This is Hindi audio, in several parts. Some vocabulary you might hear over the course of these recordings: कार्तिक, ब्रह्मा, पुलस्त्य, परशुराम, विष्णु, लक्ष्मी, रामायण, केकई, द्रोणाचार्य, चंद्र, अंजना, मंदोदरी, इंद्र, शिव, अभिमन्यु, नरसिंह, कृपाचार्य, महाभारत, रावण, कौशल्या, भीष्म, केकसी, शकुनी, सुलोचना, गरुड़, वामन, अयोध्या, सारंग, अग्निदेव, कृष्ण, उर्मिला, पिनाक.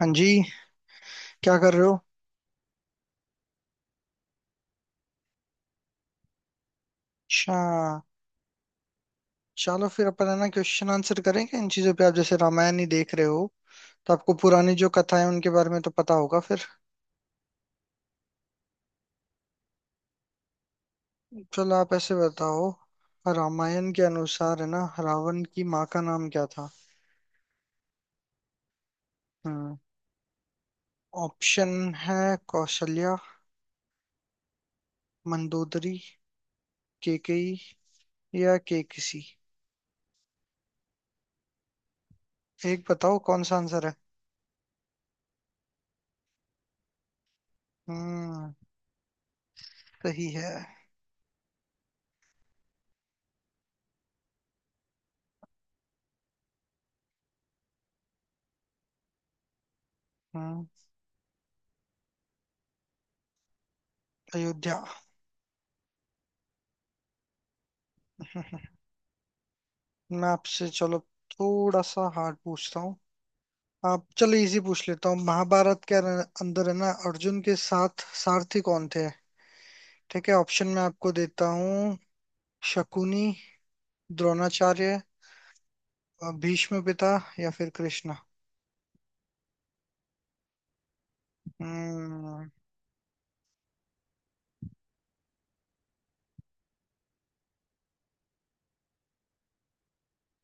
हाँ जी। क्या कर रहे हो? अच्छा। चलो फिर अपन है ना, क्वेश्चन आंसर करेंगे इन चीजों पे। आप जैसे रामायण ही देख रहे हो तो आपको पुरानी जो कथा है उनके बारे में तो पता होगा फिर। चलो आप ऐसे बताओ। रामायण के अनुसार है ना, रावण की माँ का नाम क्या था? हम्म। ऑप्शन है कौशल्या, मंदोदरी, केकई या केकसी। एक बताओ कौन सा आंसर है। हम्म। सही है। हम्म। अयोध्या। मैं आपसे चलो थोड़ा सा हार्ड पूछता हूँ। आप चलो, इजी पूछ लेता हूँ। महाभारत के अंदर है ना, अर्जुन के साथ सारथी कौन थे? ठीक है, ऑप्शन में आपको देता हूँ। शकुनी, द्रोणाचार्य, भीष्म पिता, या फिर कृष्णा। हम्म।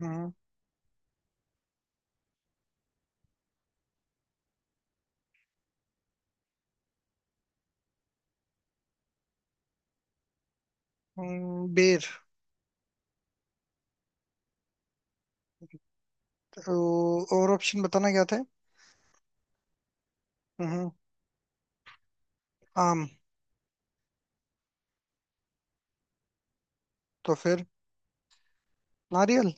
हम्म। बेर। तो और ऑप्शन बताना क्या था? हम्म। आम। तो फिर नारियल।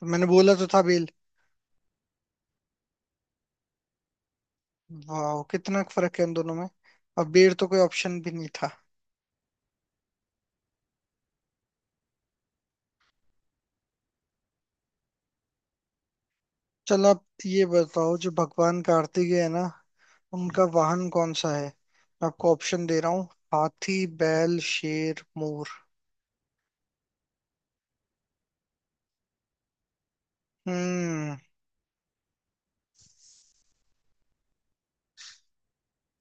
तो मैंने बोला तो था बेल। वाह, कितना फर्क है इन दोनों में। अब बेर तो कोई ऑप्शन भी नहीं था। चलो आप ये बताओ, जो भगवान कार्तिक है ना, उनका वाहन कौन सा है? मैं आपको ऑप्शन दे रहा हूँ। हाथी, बैल, शेर, मोर। हम्म।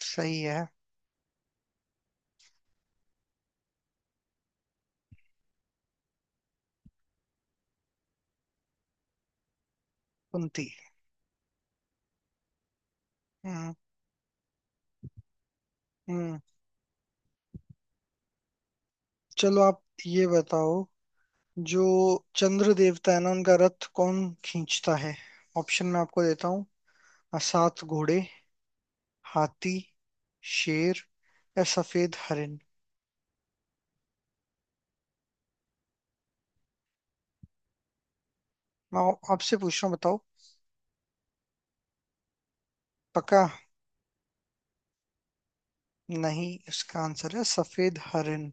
सही है। कुंती। हम्म। हम्म। चलो आप ये बताओ, जो चंद्र देवता है ना, उनका रथ कौन खींचता है? ऑप्शन मैं आपको देता हूँ। सात घोड़े, हाथी, शेर या सफेद हरिन। आपसे पूछ रहा हूँ, बताओ। पक्का? नहीं, इसका आंसर है सफेद हरिन।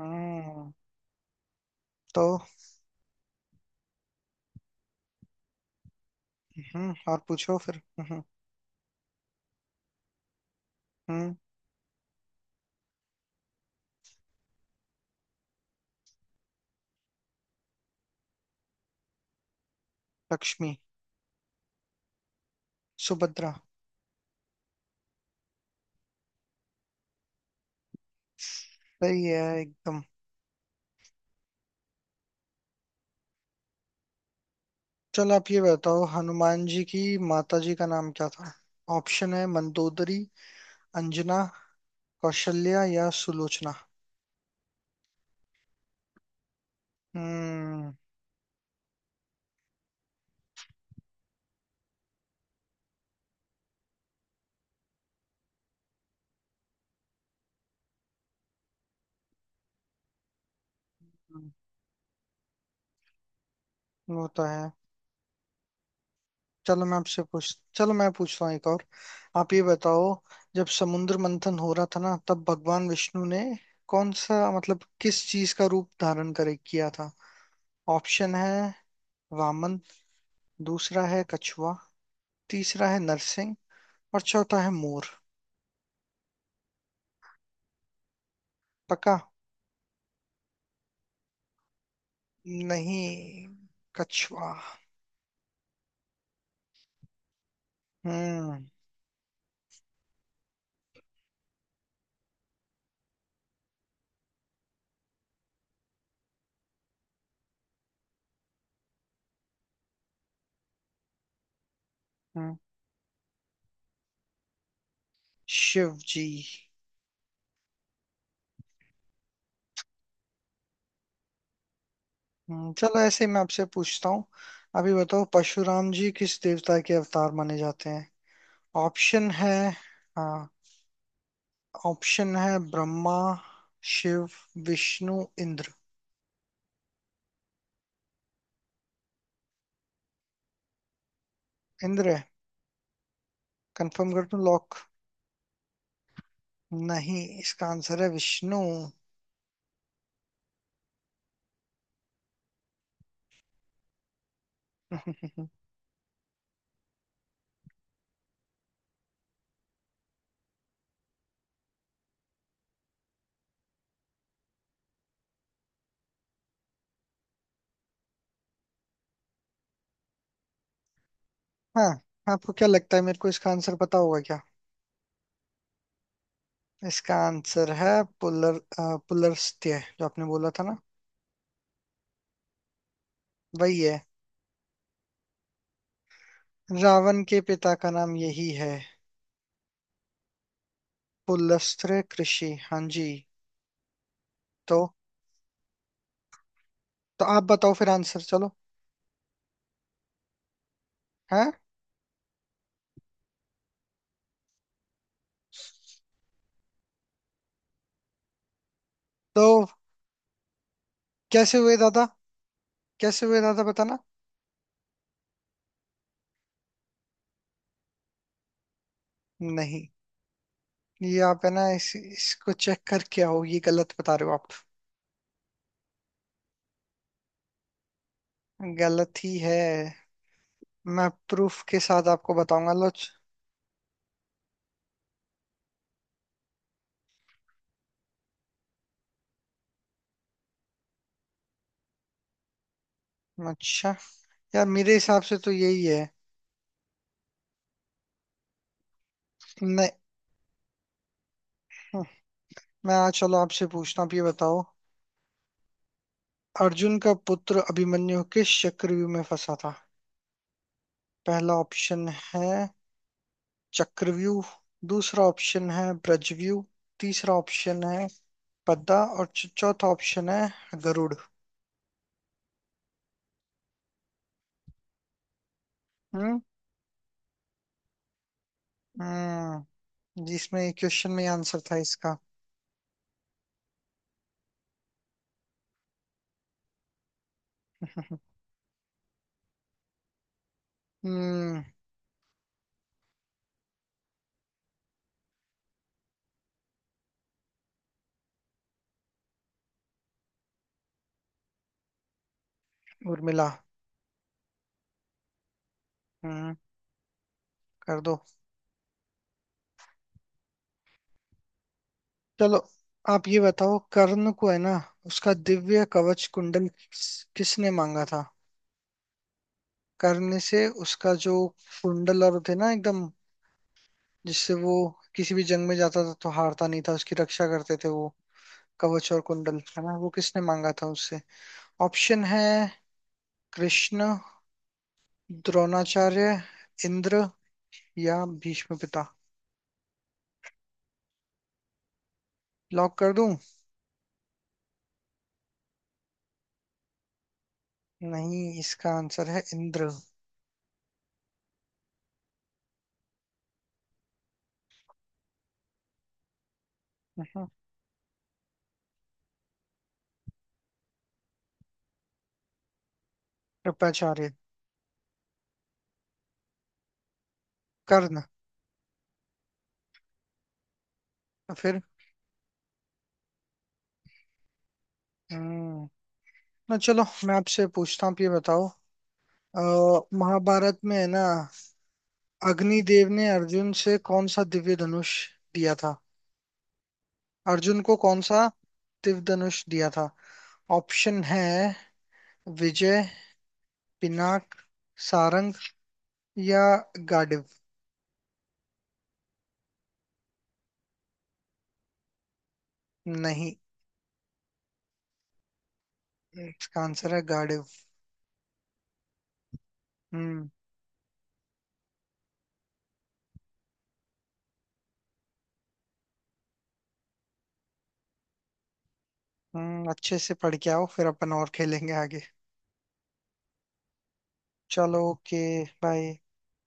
हम्म। तो। हम्म, और पूछो फिर। हम्म। हम्म। लक्ष्मी। सुभद्रा। सही है एकदम। चलो आप ये बताओ, हनुमान जी की माता जी का नाम क्या था? ऑप्शन है मंदोदरी, अंजना, कौशल्या या सुलोचना। हम्म। वो तो है। चलो मैं पूछता हूँ एक और। आप ये बताओ, जब समुद्र मंथन हो रहा था ना, तब भगवान विष्णु ने कौन सा मतलब किस चीज का रूप धारण करे किया था? ऑप्शन है वामन, दूसरा है कछुआ, तीसरा है नरसिंह और चौथा है मोर। पक्का? नहीं, कछुआ। हम्म। हम्म, शिव जी। चलो ऐसे ही मैं आपसे पूछता हूँ। अभी बताओ, परशुराम जी किस देवता के अवतार माने जाते हैं? ऑप्शन है। हाँ, ऑप्शन है ब्रह्मा, शिव, विष्णु, इंद्र। इंद्र है। कंफर्म कर दूं, लॉक? नहीं, इसका आंसर है विष्णु। हाँ। आपको क्या लगता है मेरे को इसका आंसर पता होगा क्या? इसका आंसर है पुलस्त्य। जो आपने बोला था ना, वही है। रावण के पिता का नाम यही है, पुलस्त्य ऋषि। हाँ जी। तो। तो आप बताओ फिर आंसर, चलो। हैं? तो कैसे हुए दादा? कैसे हुए दादा, बताना। नहीं, ये आप है ना इसको चेक करके आओ। ये गलत बता रहे हो आप। गलत ही है। मैं प्रूफ के साथ आपको बताऊंगा, लो। अच्छा। यार मेरे हिसाब से तो यही है। नहीं। हम्म, चलो आपसे पूछता हूँ। आप ये बताओ, अर्जुन का पुत्र अभिमन्यु किस चक्रव्यूह में फंसा था? पहला ऑप्शन है चक्रव्यूह, दूसरा ऑप्शन है ब्रजव्यूह, तीसरा ऑप्शन है पद्दा और चौथा ऑप्शन है गरुड़। हम्म। हम्म, जिसमें ये क्वेश्चन में आंसर था इसका। हम्म। उर्मिला। हम्म। कर दो। चलो आप ये बताओ, कर्ण को है ना, उसका दिव्य कवच कुंडल किसने मांगा था? कर्ण से उसका जो कुंडल और थे ना एकदम, जिससे वो किसी भी जंग में जाता था तो हारता नहीं था, उसकी रक्षा करते थे वो। कवच और कुंडल है ना, वो किसने मांगा था उससे? ऑप्शन है कृष्ण, द्रोणाचार्य, इंद्र या भीष्म पिता। लॉक कर दूं? नहीं, इसका आंसर है इंद्र। हम्म, कृपाचार्य। कर्ण। फिर। हम्म। ना, चलो मैं आपसे पूछता हूँ। आप ये बताओ, अ, महाभारत में है ना, अग्निदेव ने अर्जुन से कौन सा दिव्य धनुष दिया था? अर्जुन को कौन सा दिव्य धनुष दिया था? ऑप्शन है विजय, पिनाक, सारंग या गांडीव। नहीं, इसका आंसर है गांडीव। हम्म। हम्म, अच्छे से पढ़ के आओ फिर अपन और खेलेंगे आगे। चलो, ओके, बाय।